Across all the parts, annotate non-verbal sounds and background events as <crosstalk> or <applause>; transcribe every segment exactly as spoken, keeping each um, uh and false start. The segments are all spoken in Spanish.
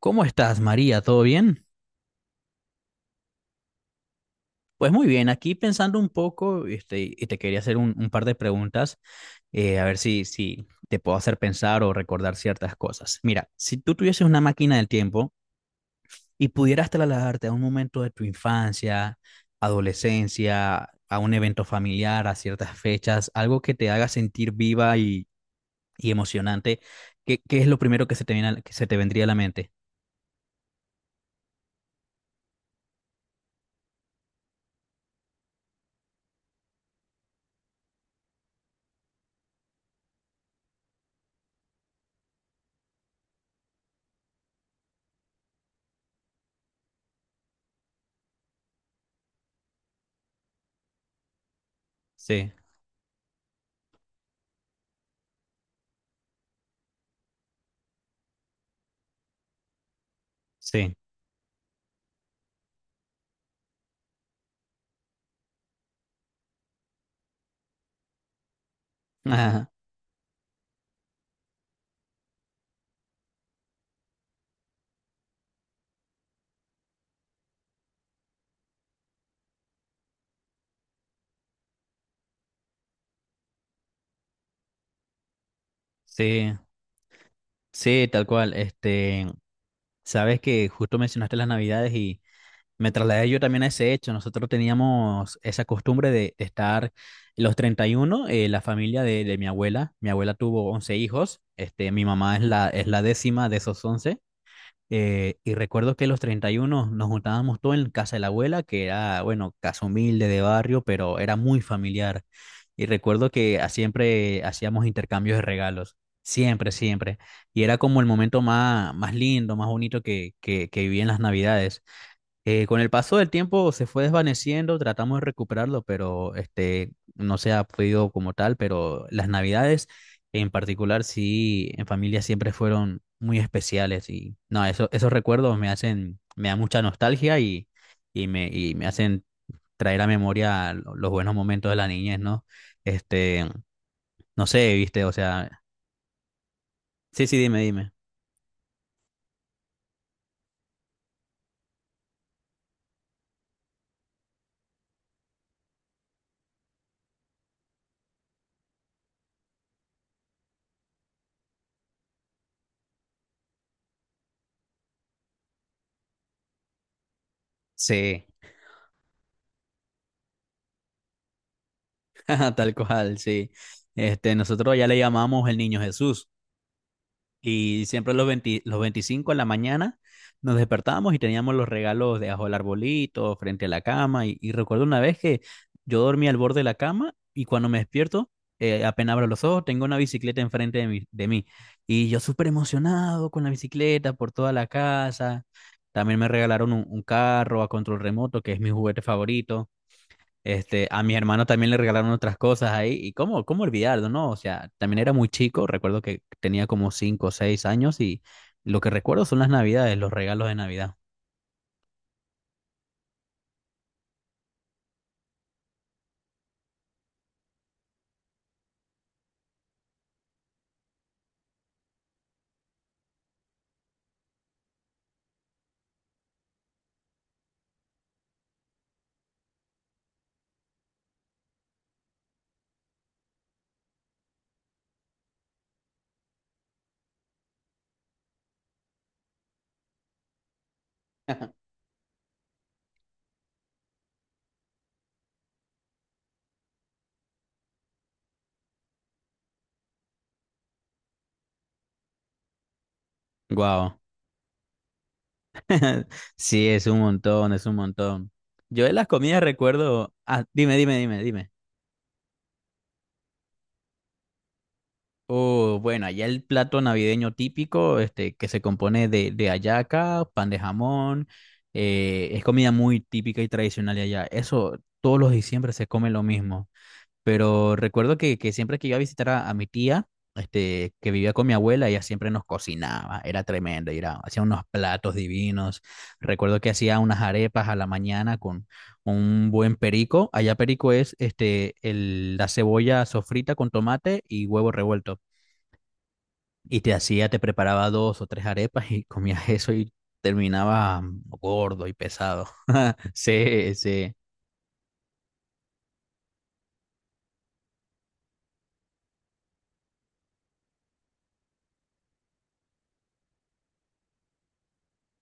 ¿Cómo estás, María? ¿Todo bien? Pues muy bien, aquí pensando un poco, este, y te quería hacer un, un par de preguntas, eh, a ver si, si te puedo hacer pensar o recordar ciertas cosas. Mira, si tú tuvieses una máquina del tiempo y pudieras trasladarte a un momento de tu infancia, adolescencia, a un evento familiar, a ciertas fechas, algo que te haga sentir viva y, y emocionante, ¿qué, qué es lo primero que se te viene a la- que se te vendría a la mente? Sí, sí, ajá, sí. Sí, tal cual. Este, Sabes que justo mencionaste las Navidades y me trasladé yo también a ese hecho. Nosotros teníamos esa costumbre de, de estar los treinta y uno, eh, la familia de, de mi abuela. Mi abuela tuvo once hijos, este, mi mamá es la, es la décima de esos once. Eh, y recuerdo que los treinta y uno nos juntábamos todos en casa de la abuela, que era, bueno, casa humilde de barrio, pero era muy familiar. Y recuerdo que ah, siempre hacíamos intercambios de regalos, siempre, siempre. Y era como el momento más, más lindo, más bonito que, que, que viví en las Navidades. Eh, con el paso del tiempo se fue desvaneciendo, tratamos de recuperarlo, pero este, no se ha podido como tal, pero las Navidades en particular sí, en familia siempre fueron muy especiales y no, eso, esos recuerdos me hacen, me da mucha nostalgia y, y me, y me hacen traer a memoria lo- los buenos momentos de la niñez, ¿no? Este, no sé, viste, o sea, sí, sí, dime, dime. Sí, <laughs> tal cual, sí. Este, nosotros ya le llamamos el niño Jesús. Y siempre los veinte los veinticinco en la mañana nos despertábamos y teníamos los regalos debajo del arbolito, frente a la cama. Y, y recuerdo una vez que yo dormía al borde de la cama y cuando me despierto, eh, apenas abro los ojos, tengo una bicicleta enfrente de mí, de mí. Y yo súper emocionado con la bicicleta por toda la casa. También me regalaron un, un carro a control remoto, que es mi juguete favorito. Este, a mis hermanos también le regalaron otras cosas ahí. ¿Y cómo, cómo olvidarlo, no? O sea, también era muy chico. Recuerdo que tenía como cinco o seis años y lo que recuerdo son las navidades, los regalos de Navidad. Wow. <laughs> Sí, es un montón, es un montón. Yo de las comidas recuerdo. Ah, dime, dime, dime, dime. Oh, bueno, allá el plato navideño típico, este, que se compone de, de hallaca, pan de jamón. Eh, es comida muy típica y tradicional de allá. Eso, todos los diciembre se come lo mismo. Pero recuerdo que, que siempre que iba a visitar a, a mi tía, este, que vivía con mi abuela, ella siempre nos cocinaba, era tremendo, y era, hacía unos platos divinos. Recuerdo que hacía unas arepas a la mañana con un buen perico. Allá perico es este, el, la cebolla sofrita con tomate y huevo revuelto. Y te hacía, te preparaba dos o tres arepas y <laughs> comías eso y terminaba mm, gordo y pesado. <laughs> Sí, sí,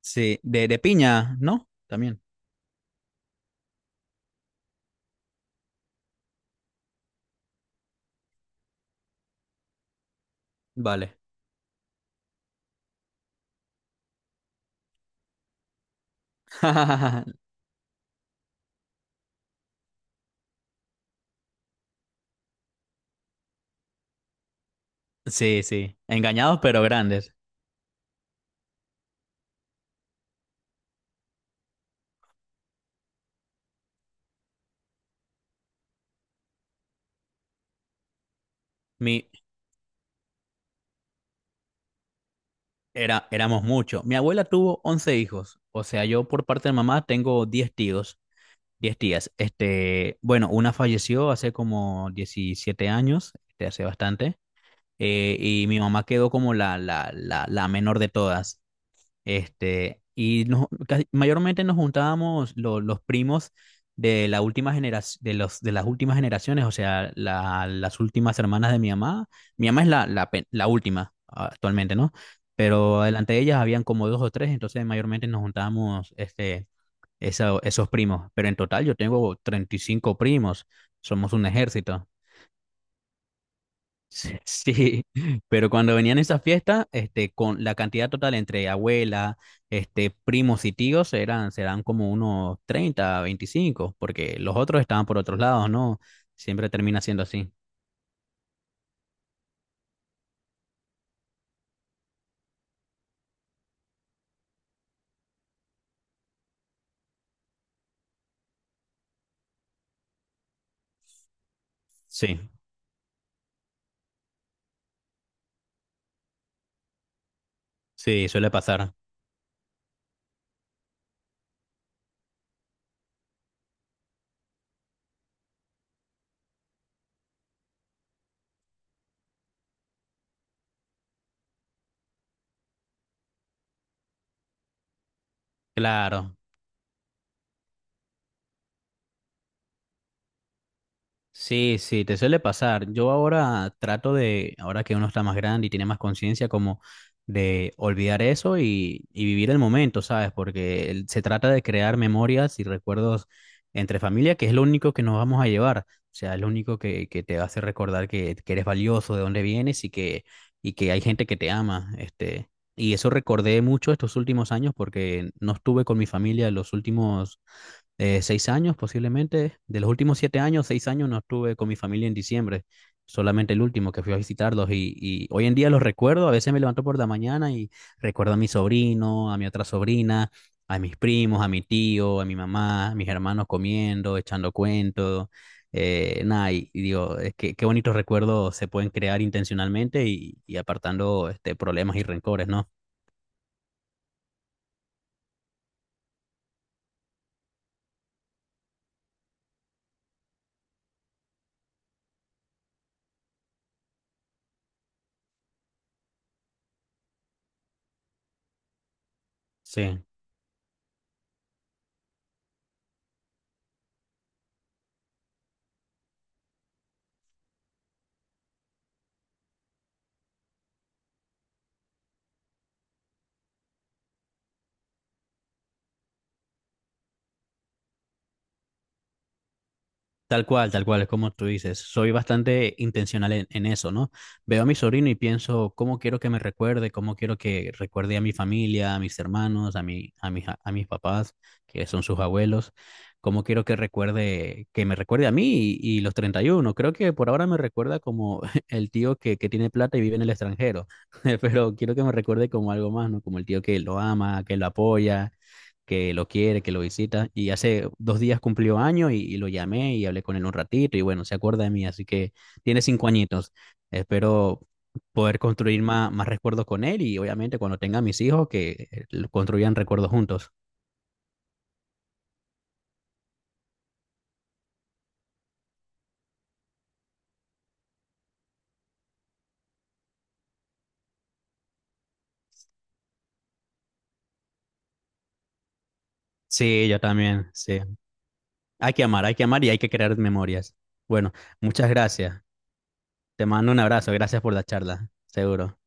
sí. De, de piña, ¿no? También. Vale. <laughs> Sí, sí, engañados pero grandes. Mi, era, Éramos muchos. Mi abuela tuvo once hijos, o sea, yo por parte de mamá tengo diez tíos, diez tías. Este, bueno, una falleció hace como diecisiete años, este, hace bastante, eh, y mi mamá quedó como la, la, la, la menor de todas. Este, y nos- casi- mayormente nos juntábamos lo- los primos de la última generación, de los, de las últimas generaciones, o sea, la- las últimas hermanas de mi mamá. Mi mamá es la, la, pe- la última ah, actualmente, ¿no? Pero delante de ellas habían como dos o tres, entonces mayormente nos juntábamos este, esa- esos primos. Pero en total yo tengo treinta y cinco primos, somos un ejército. <laughs> Sí, sí, pero cuando venían esas fiestas, este, con la cantidad total entre abuela, este, primos y tíos eran, serán como unos treinta, veinticinco, porque los otros estaban por otros lados, ¿no? Siempre termina siendo así. Sí, sí, suele pasar. Claro. Sí, sí, te suele pasar. Yo ahora trato de, ahora que uno está más grande y tiene más conciencia, como de olvidar eso y, y vivir el momento, ¿sabes? Porque el- se trata de crear memorias y recuerdos entre familia, que es lo único que nos vamos a llevar. O sea, es lo único que, que te hace recordar que, que eres valioso, de dónde vienes y que, y que hay gente que te ama. Este, y eso recordé mucho estos últimos años porque no estuve con mi familia los últimos eh, seis años posiblemente. De los últimos siete años, seis años no estuve con mi familia en diciembre. Solamente el último que fui a visitarlos y, y hoy en día los recuerdo. A veces me levanto por la mañana y recuerdo a mi sobrino, a mi otra sobrina, a mis primos, a mi tío, a mi mamá, a mis hermanos comiendo, echando cuentos. Eh, nada, y, y digo, es que qué bonitos recuerdos se pueden crear intencionalmente y, y apartando este, problemas y rencores, ¿no? Sí. Tal cual, tal cual, es como tú dices. Soy bastante intencional en, en eso, ¿no? Veo a mi sobrino y pienso cómo quiero que me recuerde, cómo quiero que recuerde a mi familia, a mis hermanos, a mi, a mis, a mis papás, que son sus abuelos, cómo quiero que recuerde, que me recuerde a mí y, y los treinta y uno. Creo que por ahora me recuerda como <laughs> el tío que, que tiene plata y vive en el extranjero, <laughs> pero quiero que me recuerde como algo más, ¿no? Como el tío que lo ama, que lo apoya, que lo quiere, que lo visita. Y hace dos días cumplió año y, y lo llamé y hablé con él un ratito y bueno, se acuerda de mí, así que tiene cinco añitos. Espero poder construir más, más recuerdos con él y obviamente cuando tenga mis hijos que eh, lo construyan recuerdos juntos. Sí, yo también, sí. Hay que amar, hay que amar y hay que crear memorias. Bueno, muchas gracias. Te mando un abrazo, gracias por la charla, seguro.